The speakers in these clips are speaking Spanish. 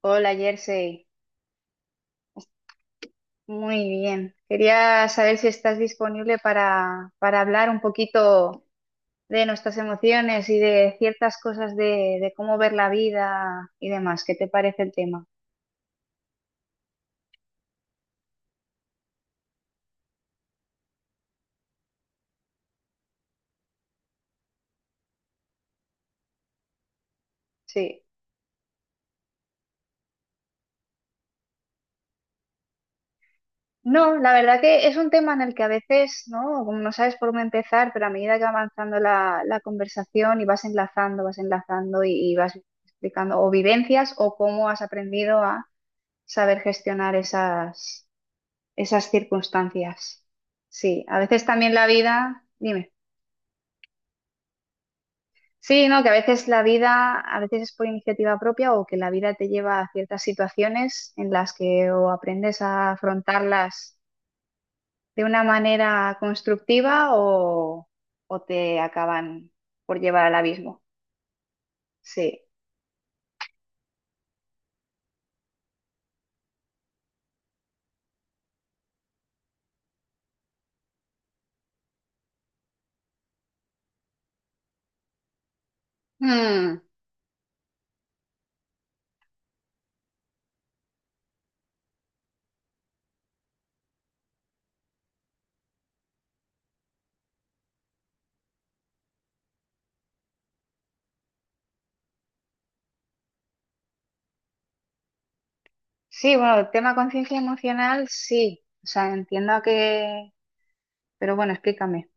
Hola, Jersey. Muy bien. Quería saber si estás disponible para, hablar un poquito de nuestras emociones y de ciertas cosas de, cómo ver la vida y demás. ¿Qué te parece el tema? Sí. No, la verdad que es un tema en el que a veces, ¿no? Como no sabes por dónde empezar, pero a medida que va avanzando la, conversación y vas enlazando y vas explicando o vivencias o cómo has aprendido a saber gestionar esas circunstancias. Sí, a veces también la vida, dime. Sí, no, que a veces la vida, a veces es por iniciativa propia o que la vida te lleva a ciertas situaciones en las que o aprendes a afrontarlas de una manera constructiva o te acaban por llevar al abismo. Sí. Mm, sí, bueno, el tema conciencia emocional, sí. O sea, entiendo que… Pero bueno, explícame.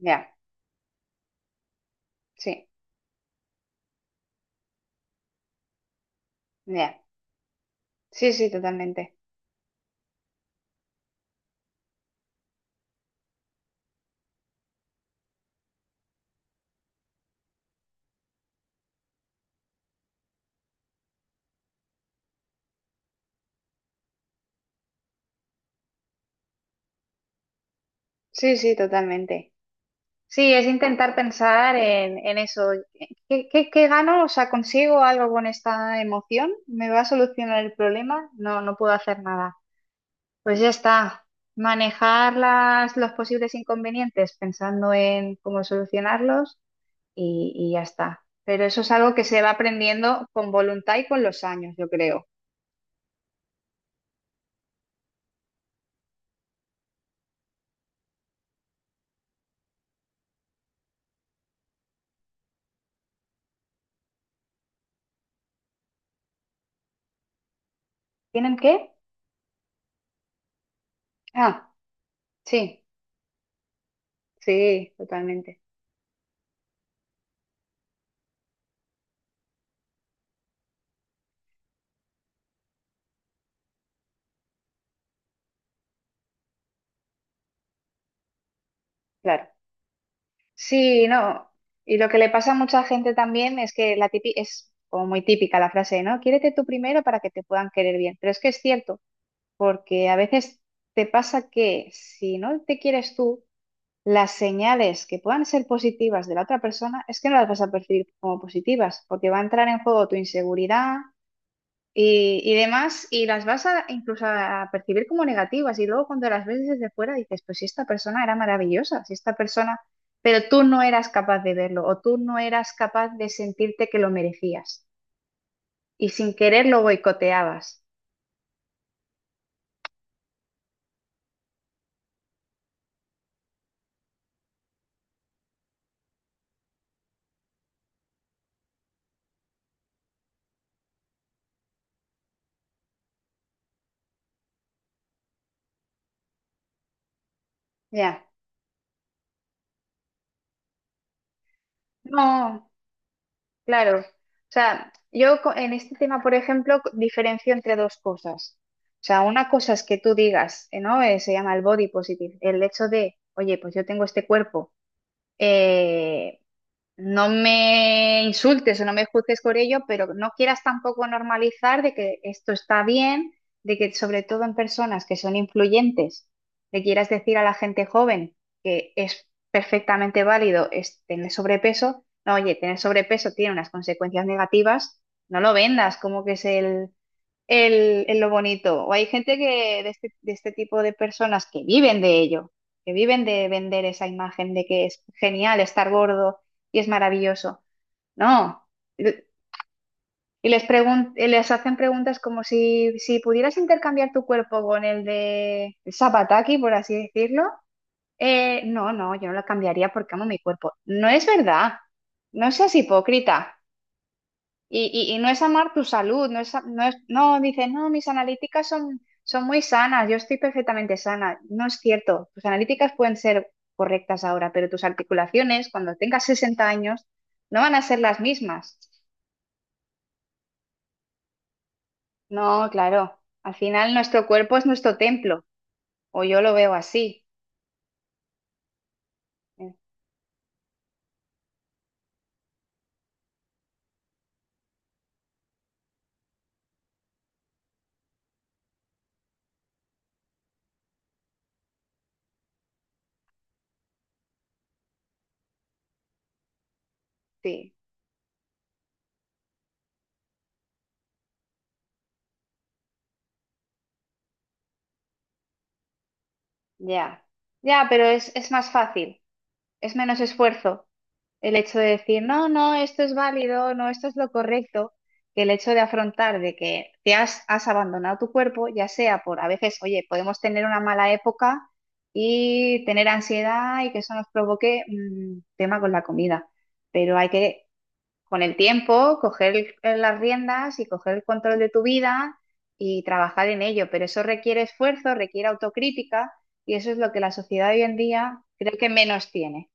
Ya, sí, ya. Sí, sí, totalmente. Sí, sí, totalmente. Sí, es intentar pensar en eso. ¿Qué gano? O sea, ¿consigo algo con esta emoción? ¿Me va a solucionar el problema? No, no puedo hacer nada. Pues ya está. Manejar las, los posibles inconvenientes pensando en cómo solucionarlos y ya está. Pero eso es algo que se va aprendiendo con voluntad y con los años, yo creo. ¿Tienen qué? Ah, sí, sí, totalmente. Claro. Sí, no. Y lo que le pasa a mucha gente también es que la es como muy típica la frase, ¿no? Quiérete tú primero para que te puedan querer bien. Pero es que es cierto, porque a veces te pasa que si no te quieres tú, las señales que puedan ser positivas de la otra persona es que no las vas a percibir como positivas, porque va a entrar en juego tu inseguridad, y demás, y las vas a incluso a percibir como negativas, y luego cuando las ves desde fuera dices, pues si esta persona era maravillosa, si esta persona, pero tú no eras capaz de verlo, o tú no eras capaz de sentirte que lo merecías, y sin querer lo boicoteabas. Ya. No, claro. O sea, en este tema, por ejemplo, diferencio entre dos cosas. O sea, una cosa es que tú digas, ¿no? Se llama el body positive, el hecho de, oye, pues yo tengo este cuerpo. eh, No me insultes o no me juzgues por ello, pero no quieras tampoco normalizar de que esto está bien, de que sobre todo en personas que son influyentes, le quieras decir a la gente joven que es perfectamente válido es tener sobrepeso. No, oye, tener sobrepeso tiene unas consecuencias negativas, no lo vendas como que es el lo bonito. O hay gente que de este, tipo de personas que viven de ello, que viven de vender esa imagen de que es genial estar gordo y es maravilloso. No. Y y les hacen preguntas como si, si pudieras intercambiar tu cuerpo con el de Zapataki, por así decirlo. No, no, yo no lo cambiaría porque amo mi cuerpo. No es verdad. No seas hipócrita. Y no es amar tu salud, no es, a- no es, no, dices no, mis analíticas son, son muy sanas, yo estoy perfectamente sana. No es cierto, tus analíticas pueden ser correctas ahora, pero tus articulaciones, cuando tengas 60 años, no van a ser las mismas. No, claro, al final nuestro cuerpo es nuestro templo, o yo lo veo así. Eh, Sí, ya, ya, pero es más fácil, es menos esfuerzo. El hecho de decir, no, no, esto es válido, no, esto es lo correcto, que el hecho de afrontar de que te has abandonado tu cuerpo, ya sea por, a veces, oye, podemos tener una mala época y tener ansiedad y que eso nos provoque tema con la comida, pero hay que, con el tiempo, coger las riendas y coger el control de tu vida y trabajar en ello, pero eso requiere esfuerzo, requiere autocrítica y eso es lo que la sociedad hoy en día creo que menos tiene.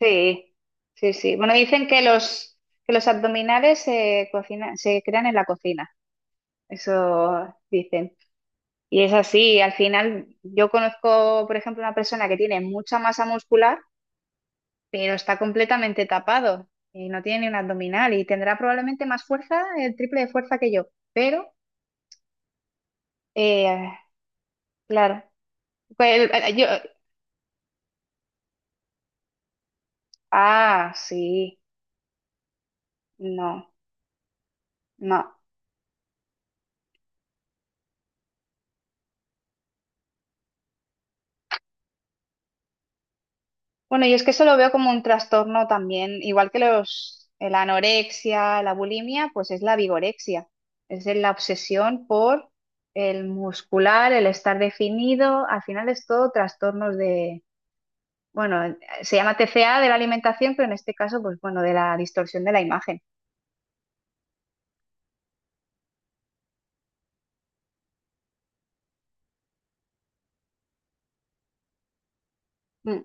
Sí, sí. Bueno, dicen que los abdominales se cocinan, se crean en la cocina, eso dicen. Y es así, al final yo conozco, por ejemplo, una persona que tiene mucha masa muscular, pero está completamente tapado y no tiene ni un abdominal y tendrá probablemente más fuerza, el triple de fuerza que yo. Pero, eh, claro, pues, eh, yo, ah, sí, no, no. Bueno, yo es que eso lo veo como un trastorno también, igual que los, la anorexia, la bulimia, pues es la vigorexia, es de la obsesión por el muscular, el estar definido, al final es todo trastornos de, bueno, se llama TCA de la alimentación, pero en este caso, pues bueno, de la distorsión de la imagen. Mm,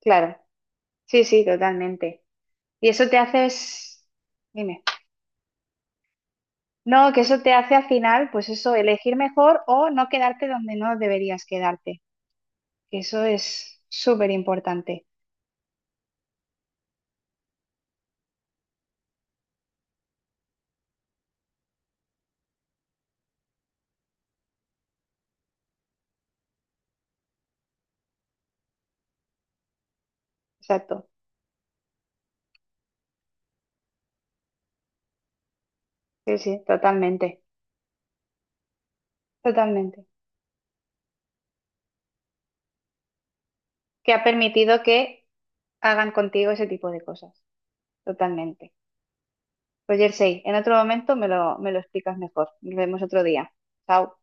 claro, sí, sí, totalmente. Y eso te hace, dime, no, que eso te hace al final, pues eso, elegir mejor o no quedarte donde no deberías quedarte. Eso es súper importante. Exacto. Sí, sí, totalmente. Totalmente. Que ha permitido que hagan contigo ese tipo de cosas. Totalmente. Pues Jersey, en otro momento me lo explicas mejor. Nos vemos otro día. Chao.